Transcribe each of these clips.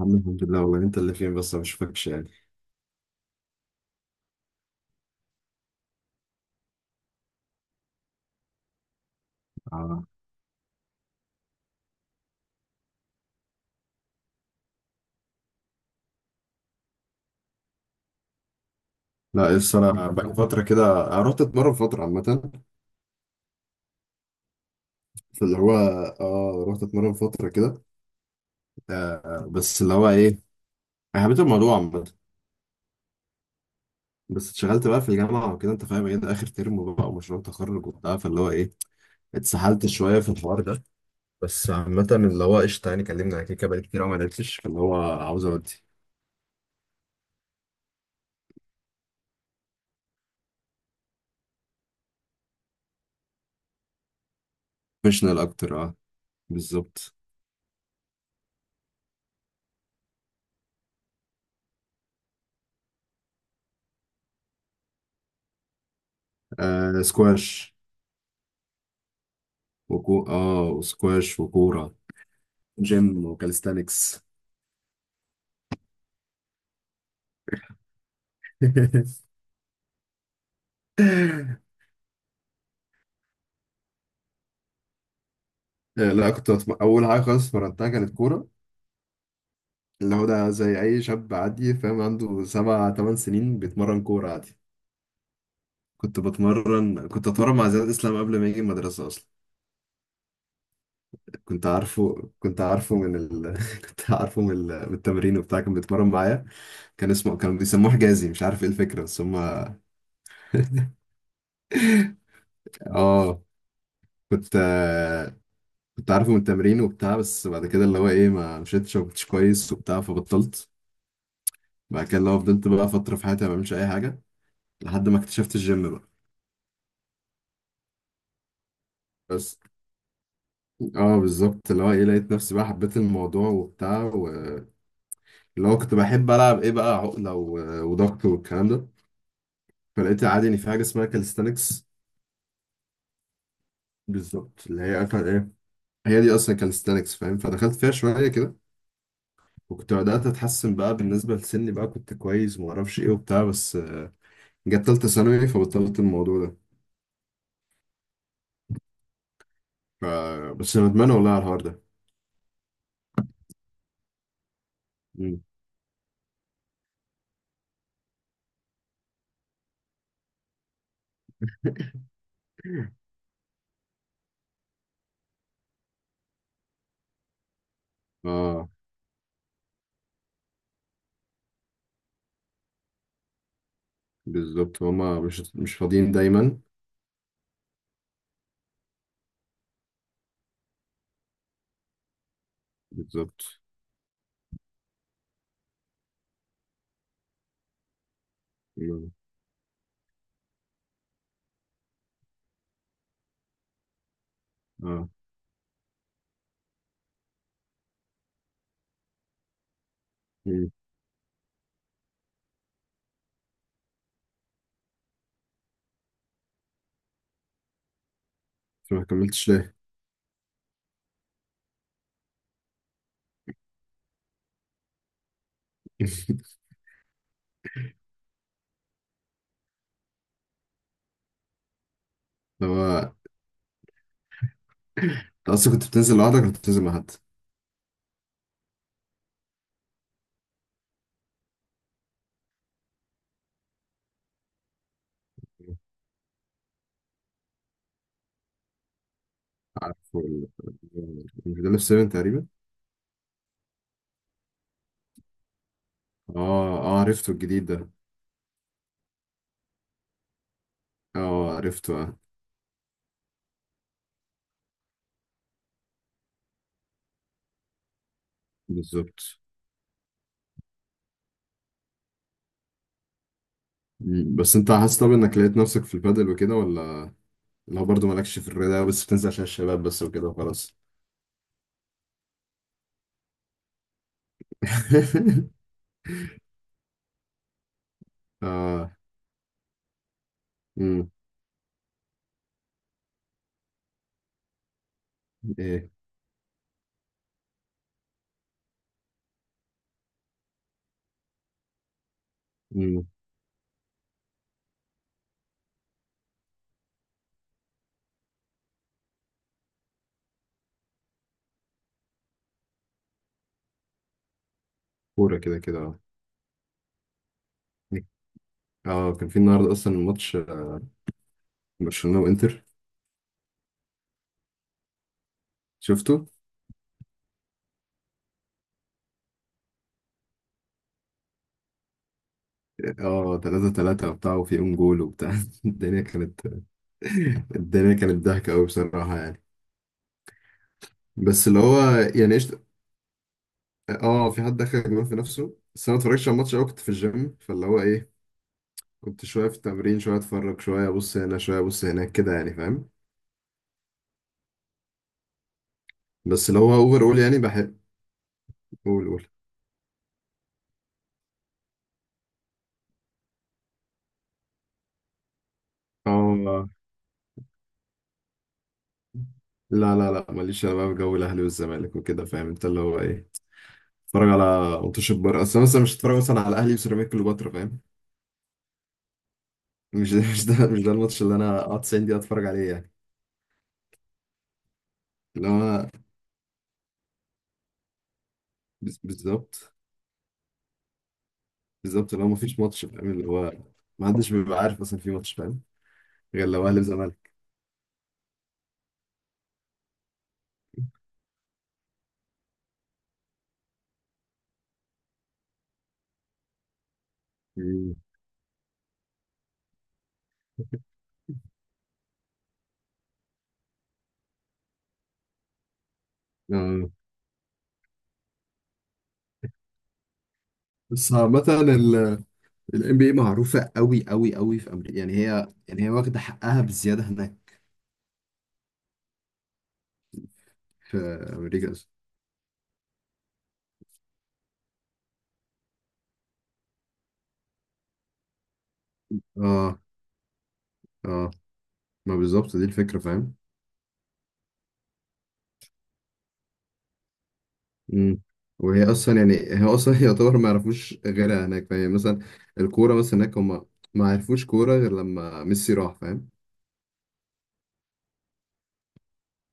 عم، الحمد لله. والله انت اللي فين؟ بس ما بشوفكش يعني. آه. لا، بس انا بقى فتره كده، رحت اتمرن فتره عامه. فاللي هو اه رحت اتمرن فتره كده. آه، بس اللي هو ايه، انا حبيت الموضوع عامه. بس اتشغلت بقى في الجامعه وكده، انت فاهم ايه، ده اخر ترم بقى ومشروع تخرج وبتاع، فاللي هو ايه اتسحلت شويه في الحوار ده. بس عامه اللي هو قشطه، يعني كلمنا على كيكه، بقالي كتير أوي ما لعبتش، فاللي هو عاوز اودي بروفيشنال اكتر. اه، بالظبط. آه، سكواش، وكو اه وسكواش وكوره، جيم وكاليستانكس. لا، اول حاجه خالص اتمرنتها كانت كوره. اللي هو ده زي اي شاب عادي فاهم، عنده 7 8 سنين بيتمرن كوره عادي. كنت اتمرن مع زياد اسلام قبل ما يجي المدرسه اصلا. كنت عارفه كنت عارفه من التمرين وبتاع، كان بيتمرن معايا. كانوا بيسموه حجازي، مش عارف ايه الفكره بس هم. اه، كنت كنت عارفه من التمرين وبتاع، بس بعد كده اللي هو ايه ما مشيتش، ما كنتش كويس وبتاع، فبطلت. بعد كده لو فضلت بقى فترة في حياتي ما بعملش أي حاجة لحد ما اكتشفت الجيم بقى. بس اه بالظبط، اللي هو ايه، لقيت نفسي بقى، حبيت الموضوع وبتاع، اللي هو كنت بحب ألعب ايه بقى عقلة وضغط والكلام ده. فلقيت عادي إن في حاجة اسمها كاليستانكس. بالظبط، اللي هي أكل ايه، هي دي أصلا كاليستانكس فاهم، فدخلت فيها شوية كده. وكنت بدأت أتحسن بقى بالنسبة لسني، بقى كنت كويس ومعرفش ايه وبتاع، بس جت تالتة ثانوي فبطلت الموضوع ده. ف- بس ندمان والله على الحوار ده. مم. اه بالظبط، هما مش فاضيين دايما. بالظبط. مم. اه. مم. انت ما كملتش ليه؟ هو، انت اصلا كنت بتنزل لوحدك ولا كنت بتنزل مع حد؟ عارفه مش ده اللي في 7 تقريبا؟ اه، اه، عرفته الجديد ده. اه، عرفته اه. بالظبط. مم. بس انت حاسس طب، انك لقيت نفسك في البادل وكده، ولا اللي هو برضه مالكش في الرياضة بس بتنزل عشان الشباب بس وكده وخلاص؟ اه. مم. ايه. مم. كورة كده كده اه. اه، كان في النهارده اصلا الماتش، برشلونه وانتر، شفته. اه، 3-3 وبتاع، وفي اون جول وبتاع. الدنيا كانت الدنيا كانت ضحكه قوي بصراحه يعني. بس اللي هو، يعني ايش، اه في حد دخل جول في نفسه. بس انا ما اتفرجتش على الماتش قوي، كنت في الجيم، فاللي هو ايه كنت شويه في التمرين، شويه اتفرج، شويه ابص هنا، شويه ابص هناك كده يعني، فاهم. بس اللي هو اوفر اول يعني بحب. قول، قول. اه، لا لا لا، ماليش انا بقى في جو الاهلي والزمالك وكده، فاهم انت اللي هو ايه اتفرج على ماتش بره. اصل انا مثلا مش هتفرج مثلا على اهلي وسيراميكا كليوباترا فاهم. مش ده الماتش اللي انا اقعد 90 دقيقه اتفرج عليه يعني. اللي هو بالظبط، بالظبط. اللي هو مفيش ماتش فاهم، اللي هو ما حدش بيبقى عارف اصلا في ماتش فاهم، غير لو اهلي وزمالك. مم. آه. بس عامة ال NBA معروفة قوي قوي قوي في أمريكا، يعني هي واخدة حقها بزيادة هناك في أمريكا أصلا. اه، اه، ما بالظبط دي الفكرة فاهم. مم. وهي اصلا يعني هي اصلا يعتبر ما يعرفوش غيرها هناك فاهم مثلا. الكوره مثلا هناك، هم ما عرفوش كوره غير لما ميسي راح، فاهم.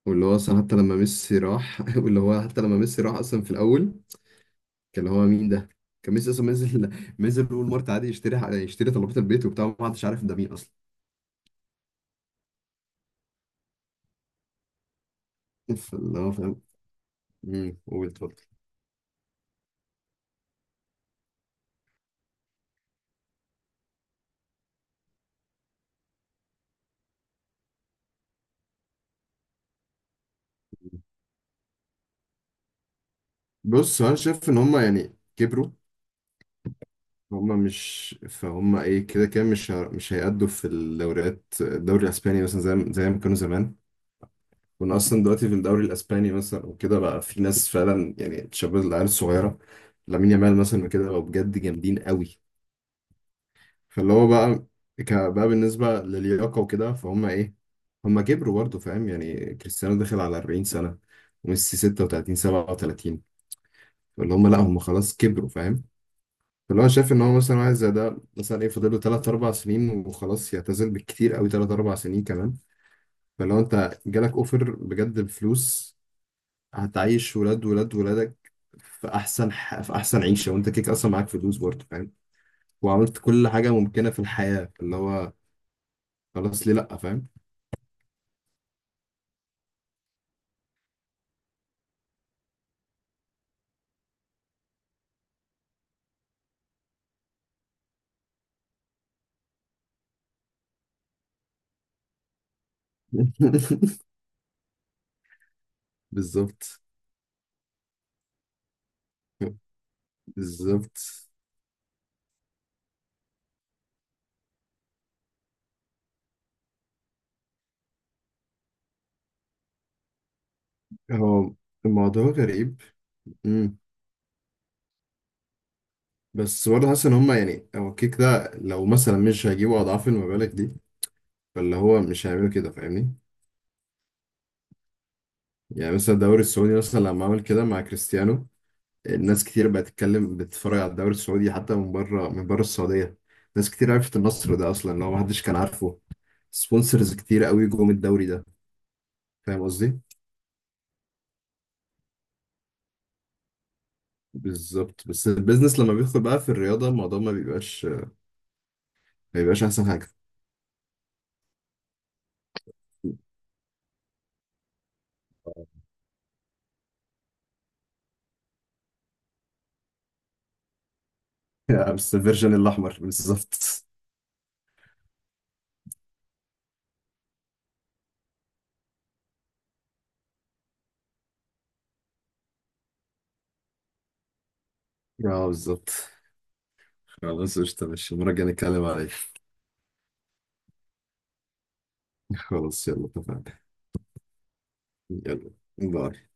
واللي هو اصلا حتى لما ميسي راح واللي هو حتى لما ميسي راح اصلا في الاول، كان اللي هو مين ده. كان ميسي اصلا منزل، منزل اول مره عادي يشتري، يشتري طلبات البيت وبتاع، ما حدش عارف ده مين اصلا. فاللي هو فاهم. قول اتفضل. بص، هو انا شايف ان هم يعني كبروا، هما مش فهم ايه كده كده، مش هيأدوا في الدوري الاسباني مثلا زي ما كانوا زمان. كنا اصلا دلوقتي في الدوري الاسباني مثلا وكده، بقى في ناس فعلا يعني تشبه العيال الصغيره. لامين يامال مثلا وكده، بقوا بجد جامدين قوي. فاللي هو بقى بقى بالنسبه للياقه وكده فهم ايه، هم كبروا برضه فاهم، يعني كريستيانو داخل على 40 سنه، وميسي 36، 37. اللي هم، لا هم خلاص كبروا. فاللي هو شايف ان هو مثلا واحد زي ده مثلا ايه، فاضل له 3-4 سنين وخلاص يعتزل، بالكتير قوي 3-4 سنين كمان. فلو انت جالك اوفر بجد بفلوس، هتعيش ولاد ولاد ولادك في احسن عيشه، وانت كيك اصلا معاك فلوس برضه فاهم، وعملت كل حاجه ممكنه في الحياه، اللي هو خلاص، ليه لا، فاهم. بالظبط، بالظبط، هو الموضوع غريب. امم. بس برضه حاسس ان هما يعني هو الكيك ده، لو مثلا مش هيجيبوا اضعاف المبالغ دي، فاللي هو مش هيعملوا كده، فاهمني. يعني مثلا الدوري السعودي مثلا لما عمل كده مع كريستيانو، الناس كتير بقت تتكلم، بتتفرج على الدوري السعودي، حتى من بره، من بره السعودية. ناس كتير عرفت النصر ده اصلا، اللي هو محدش كان عارفه. سبونسرز كتير قوي جم الدوري ده. فاهم قصدي. بالظبط، بس البيزنس لما بيدخل بقى في الرياضة، الموضوع ما بيبقاش احسن حاجة. بس الفيرجن الاحمر بالظبط. اه بالظبط. خلاص قشطة ماشي، المرة الجاية نتكلم عليه. خلاص يلا اتفقنا. يلا، باي.